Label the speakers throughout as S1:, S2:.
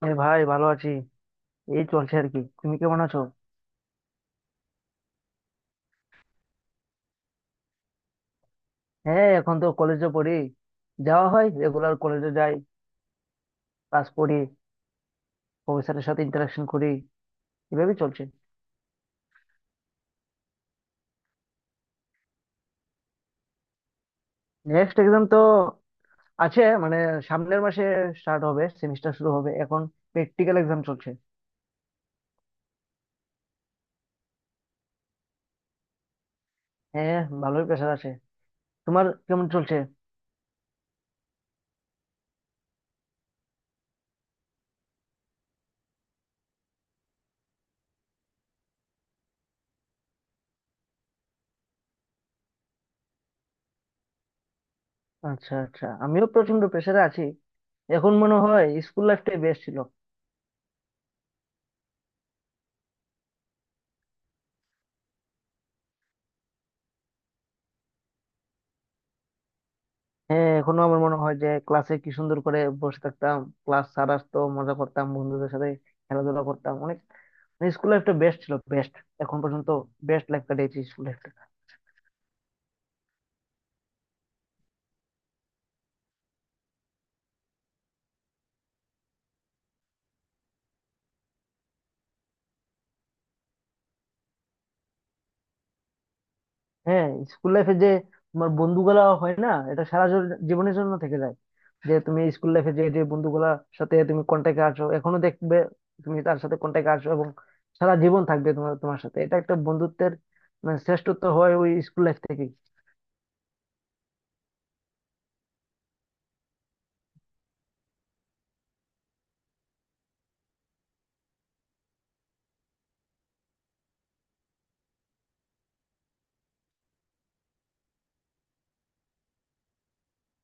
S1: হ্যাঁ ভাই, ভালো আছি। এই চলছে আর কি। তুমি কেমন আছো? হ্যাঁ, এখন তো কলেজে পড়ি। যাওয়া হয় রেগুলার, কলেজে যাই, ক্লাস করি, প্রফেসরের সাথে ইন্টারাকশন করি, এভাবেই চলছে। নেক্সট এক্সাম তো আছে, মানে সামনের মাসে স্টার্ট হবে, সেমিস্টার শুরু হবে এখন। প্র্যাকটিক্যাল এক্সাম চলছে। হ্যাঁ, ভালোই প্রেশার আছে। তোমার কেমন চলছে? আচ্ছা আচ্ছা, আমিও প্রচন্ড প্রেশারে আছি। এখন মনে হয় স্কুল লাইফটাই বেস্ট ছিল। হ্যাঁ, এখনো আমার মনে হয় যে ক্লাসে কি সুন্দর করে বসে থাকতাম, ক্লাস স্যার আসতো, মজা করতাম বন্ধুদের সাথে, খেলাধুলা করতাম অনেক। স্কুল লাইফটা বেস্ট ছিল, বেস্ট। এখন পর্যন্ত বেস্ট লাইফ কাটিয়েছি স্কুল লাইফটা। হ্যাঁ, স্কুল লাইফে যে তোমার বন্ধুগুলা হয় না, এটা সারা জীবনের জন্য থেকে যায়। যে তুমি স্কুল লাইফে যে যে বন্ধুগুলার সাথে তুমি কন্ট্যাক্টে আছো, এখনো দেখবে তুমি তার সাথে কন্ট্যাক্টে আছো, এবং সারা জীবন থাকবে তোমার তোমার সাথে। এটা একটা বন্ধুত্বের মানে শ্রেষ্ঠত্ব হয় ওই স্কুল লাইফ থেকে।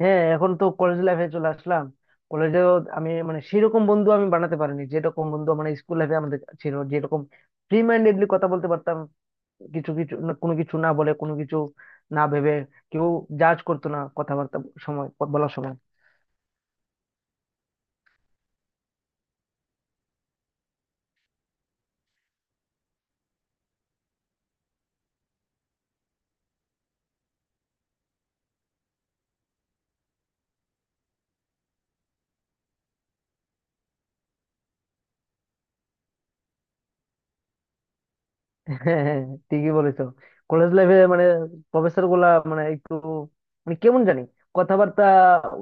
S1: হ্যাঁ, এখন তো কলেজ লাইফে চলে আসলাম। কলেজে আমি মানে সেরকম বন্ধু আমি বানাতে পারিনি, যেরকম বন্ধু মানে স্কুল লাইফে আমাদের ছিল। যেরকম ফ্রি মাইন্ডেডলি কথা বলতে পারতাম, কিছু কিছু না- কোনো কিছু না বলে, কোনো কিছু না ভেবে, কেউ জাজ করতো না কথাবার্তা সময়, বলার সময়। হ্যাঁ, ঠিকই বলেছো। কলেজ লাইফে মানে প্রফেসর গুলা মানে একটু মানে কেমন জানি কথাবার্তা,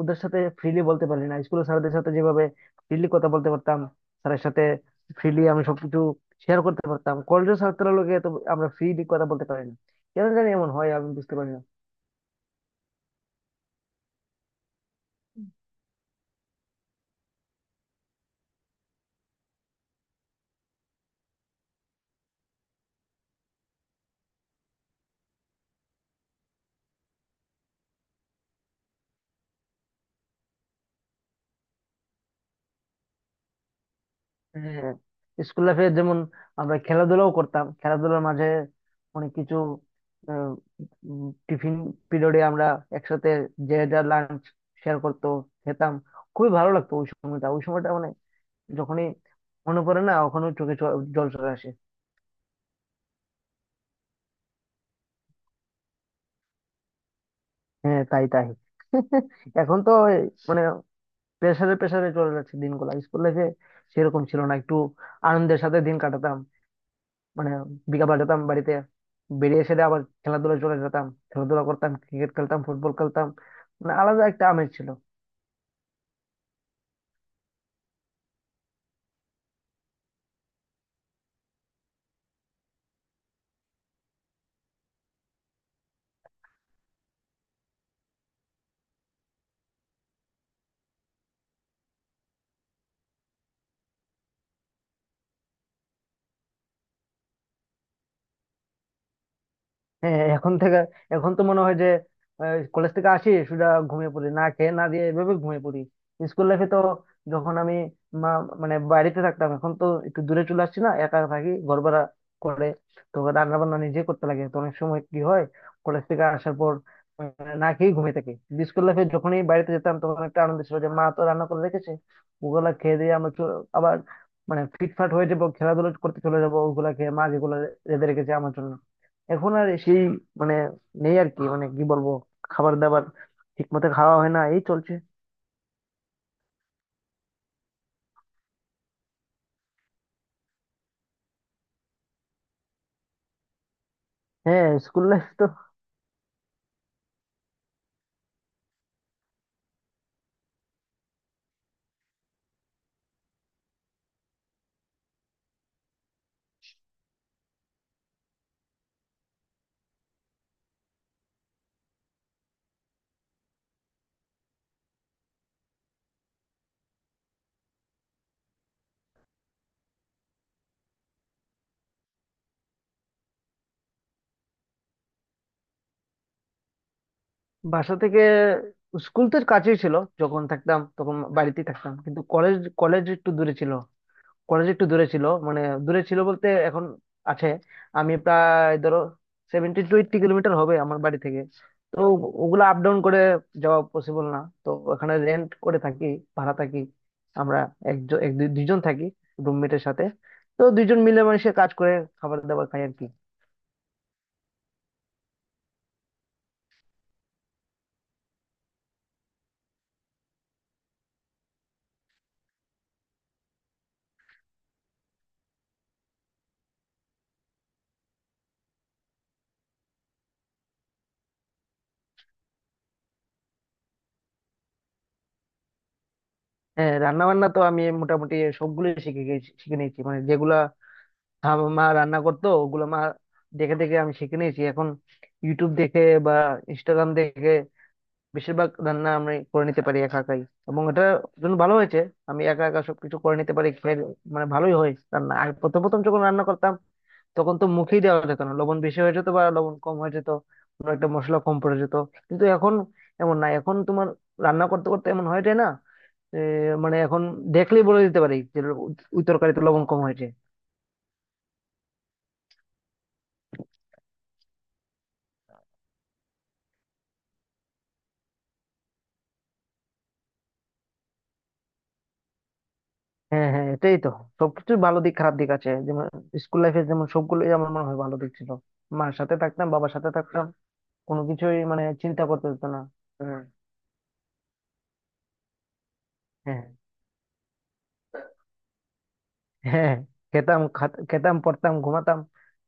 S1: ওদের সাথে ফ্রিলি বলতে পারি না। স্কুলের স্যারদের সাথে যেভাবে ফ্রিলি কথা বলতে পারতাম, স্যারের সাথে ফ্রিলি আমি সবকিছু শেয়ার করতে পারতাম, কলেজের ছাত্ররা লোকে তো আমরা ফ্রিলি কথা বলতে পারি না। কেন জানি এমন হয়, আমি বুঝতে পারি না। হ্যাঁ, স্কুল লাইফে যেমন আমরা খেলাধুলাও করতাম, খেলাধুলার মাঝে অনেক কিছু, আহ, টিফিন পিরিয়ডে আমরা একসাথে যে যার লাঞ্চ শেয়ার করতো, খেতাম। খুবই ভালো লাগতো ওই সময়টা, ওই সময়টা মানে যখনই মনে পড়ে না, ওখানে চোখে জল চলে আসে। হ্যাঁ, তাই তাই। এখন তো এই মানে প্রেসারে প্রেসারে চলে যাচ্ছে দিনগুলো। স্কুল লাইফে সেরকম ছিল না, একটু আনন্দের সাথে দিন কাটাতাম মানে। বিকালবেলা যেতাম বাড়িতে, বেরিয়ে এসে দিয়ে আবার খেলাধুলা চলে যেতাম, খেলাধুলা করতাম, ক্রিকেট খেলতাম, ফুটবল খেলতাম। মানে আলাদা একটা আমেজ ছিল। হ্যাঁ, এখন থেকে এখন তো মনে হয় যে কলেজ থেকে আসি সুদা ঘুমিয়ে পড়ি, না খেয়ে না দিয়ে এভাবে ঘুমিয়ে পড়ি। স্কুল লাইফে তো যখন আমি মা মানে বাড়িতে থাকতাম, এখন তো একটু দূরে চলে আসছি না, একা থাকি, ঘর ভাড়া করে। তো রান্না বান্না নিজে করতে লাগে, তো অনেক সময় কি হয় কলেজ থেকে আসার পর, না খেয়ে ঘুমিয়ে থাকি। স্কুল লাইফে যখনই বাড়িতে যেতাম তখন একটা আনন্দ ছিল যে মা তো রান্না করে রেখেছে, ওগুলা খেয়ে দিয়ে আমরা আবার মানে ফিটফাট হয়ে যাবো, খেলাধুলা করতে চলে যাবো, ওগুলা খেয়ে মা যেগুলো রেঁধে রেখেছে আমার জন্য। এখন আর সেই মানে নেই আর কি, মানে কি বলবো, খাবার দাবার ঠিক মতো খাওয়া হয় না, এই চলছে। হ্যাঁ, স্কুল লাইফ তো। বাসা থেকে স্কুল তো কাছেই ছিল, যখন থাকতাম তখন বাড়িতেই থাকতাম, কিন্তু কলেজ, কলেজ একটু দূরে ছিল। কলেজ একটু দূরে ছিল মানে দূরে ছিল বলতে এখন আছে। আমি প্রায় ধরো 70-80 কিলোমিটার হবে আমার বাড়ি থেকে। তো ওগুলো আপ ডাউন করে যাওয়া পসিবল না। তো ওখানে রেন্ট করে থাকি, ভাড়া থাকি আমরা। একজন দুইজন থাকি রুমমেটের সাথে। তো দুইজন মিলে মানুষের কাজ করে খাবার দাবার খাই আর কি। হ্যাঁ, রান্না বান্না তো আমি মোটামুটি সবগুলোই শিখে গেছি, শিখে নিয়েছি মানে যেগুলা মা রান্না করতো, ওগুলো মা দেখে দেখে আমি শিখে নিয়েছি। এখন ইউটিউব দেখে বা ইনস্টাগ্রাম দেখে বেশিরভাগ রান্না আমি করে নিতে পারি একা একাই। এবং এটা জন্য ভালো হয়েছে, আমি একা একা সবকিছু করে নিতে পারি, খেয়ে মানে ভালোই হয় রান্না। আর প্রথম প্রথম যখন রান্না করতাম তখন তো মুখেই দেওয়া যেত না, লবণ বেশি হয়ে যেত বা লবণ কম হয়ে যেত, কোনো একটা মশলা কম পড়ে যেত। কিন্তু এখন এমন না, এখন তোমার রান্না করতে করতে এমন হয়ে যায় না। এ, মানে এখন দেখলেই বলে দিতে পারি যে ওই তরকারিতে লবণ কম হয়েছে। হ্যাঁ হ্যাঁ, এটাই তো। সবকিছু ভালো দিক খারাপ দিক আছে। যেমন স্কুল লাইফে যেমন সবগুলোই আমার মনে হয় ভালো দিক ছিল, মার সাথে থাকতাম, বাবার সাথে থাকতাম, কোনো কিছুই মানে চিন্তা করতে হতো না। হ্যাঁ হ্যাঁ হ্যাঁ। খেতাম, খেতাম, পড়তাম, ঘুমাতাম,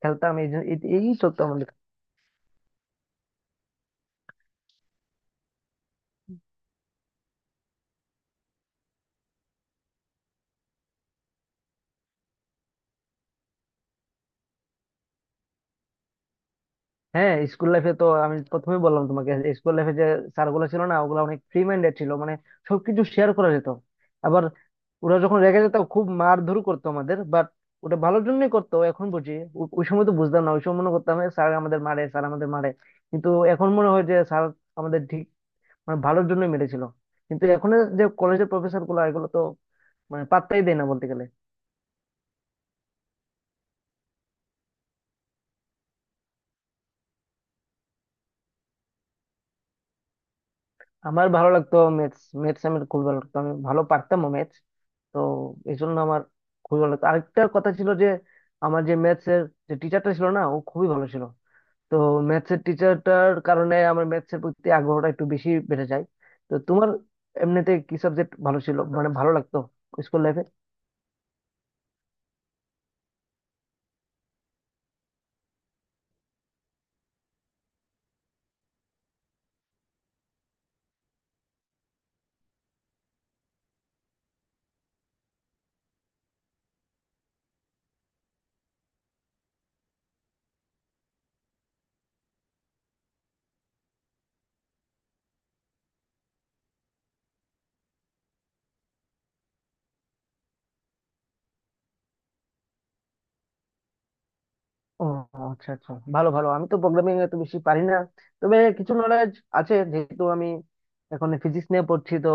S1: খেলতাম, এই এই চলতো আমাদের। হ্যাঁ, স্কুল লাইফে তো আমি প্রথমে বললাম তোমাকে। স্কুল লাইফে যে স্যারগুলো ছিল না, ওগুলো অনেক ফ্রি মাইন্ডেড ছিল, মানে সবকিছু শেয়ার করা যেত। আবার ওরা যখন রেগে যেত, খুব মারধর করতো আমাদের, বাট ওটা ভালোর জন্যই করতো, এখন বুঝি। ওই সময় তো বুঝতাম না, ওই সময় মনে করতাম স্যার আমাদের মারে, স্যার আমাদের মারে। কিন্তু এখন মনে হয় যে স্যার আমাদের ঠিক মানে ভালোর জন্যই মেরেছিল। কিন্তু এখন যে কলেজের প্রফেসর গুলো এগুলো তো মানে পাত্তাই দেয় না বলতে গেলে। আমার ভালো লাগতো ম্যাথস, ম্যাথস আমার খুব ভালো লাগতো, আমি ভালো পারতাম ম্যাথস। তো এই জন্য আমার খুবই ভালো লাগতো। আরেকটা কথা ছিল যে আমার যে ম্যাথস এর যে টিচারটা ছিল না, ও খুবই ভালো ছিল। তো ম্যাথস এর টিচারটার কারণে আমার ম্যাথস এর প্রতি আগ্রহটা একটু বেশি বেড়ে যায়। তো তোমার এমনিতে কি সাবজেক্ট ভালো ছিল, মানে ভালো লাগতো স্কুল লাইফে? ও আচ্ছা আচ্ছা, ভালো ভালো। আমি তো প্রোগ্রামিং এত বেশি পারি না, তবে কিছু নলেজ আছে, যেহেতু আমি এখন ফিজিক্স নিয়ে পড়ছি। তো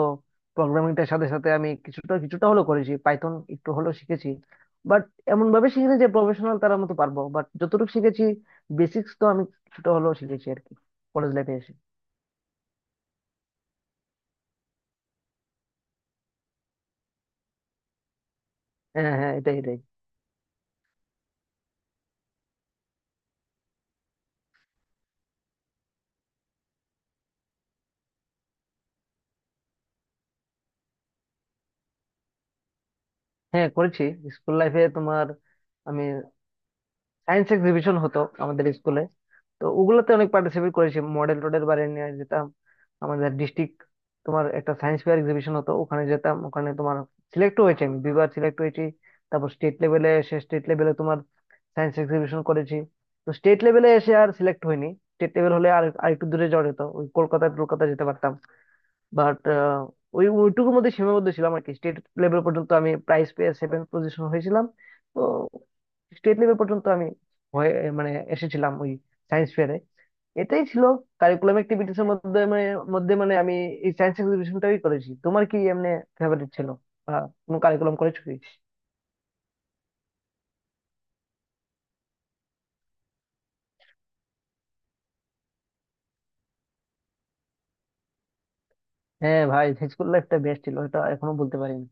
S1: প্রোগ্রামিংটার সাথে সাথে আমি কিছুটা কিছুটা হলেও করেছি, পাইথন একটু হলেও শিখেছি। বাট এমন ভাবে শিখিনি যে প্রফেশনাল তার মতো পারবো, বাট যতটুকু শিখেছি বেসিক্স তো আমি কিছুটা হলেও শিখেছি আর কি, কলেজ লাইফে এসে। হ্যাঁ হ্যাঁ, এটাই এটাই। হ্যাঁ, করেছি। স্কুল লাইফে তোমার, আমি সায়েন্স এক্সিবিশন হতো আমাদের স্কুলে। তো ওগুলোতে অনেক পার্টিসিপেট করেছি, মডেল টোডেল বারে নিয়ে যেতাম আমাদের ডিস্ট্রিক্ট, তোমার একটা সায়েন্স ফেয়ার এক্সিবিশন হতো, ওখানে যেতাম, ওখানে তোমার সিলেক্ট হয়েছে, আমি দুইবার সিলেক্ট হয়েছি। তারপর স্টেট লেভেলে এসে স্টেট লেভেলে তোমার সায়েন্স এক্সিবিশন করেছি। তো স্টেট লেভেলে এসে আর সিলেক্ট হয়নি। স্টেট লেভেল হলে আর আরেকটু দূরে যাওয়া যেত, ওই কলকাতায়, কলকাতা যেতে পারতাম। বাট ওই ওইটুকুর মধ্যে সীমাবদ্ধ ছিলাম আর কি। স্টেট লেভেল পর্যন্ত আমি প্রাইজ পেয়ে 7th পজিশন হয়েছিলাম। তো স্টেট লেভেল পর্যন্ত আমি হয়ে মানে এসেছিলাম ওই সায়েন্স ফেয়ারে। এটাই ছিল কারিকুলাম অ্যাক্টিভিটিস এর মধ্যে মানে, মধ্যে মানে আমি এই সায়েন্স এক্সিবিশনটাই করেছি। তোমার কি এমনি ফেভারিট ছিল বা কোনো কারিকুলাম করেছো কি? হ্যাঁ ভাই, স্কুল লাইফটা বেস্ট ছিল, এটা এখনো বলতে পারিনি।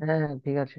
S1: হ্যাঁ হ্যাঁ, ঠিক আছে।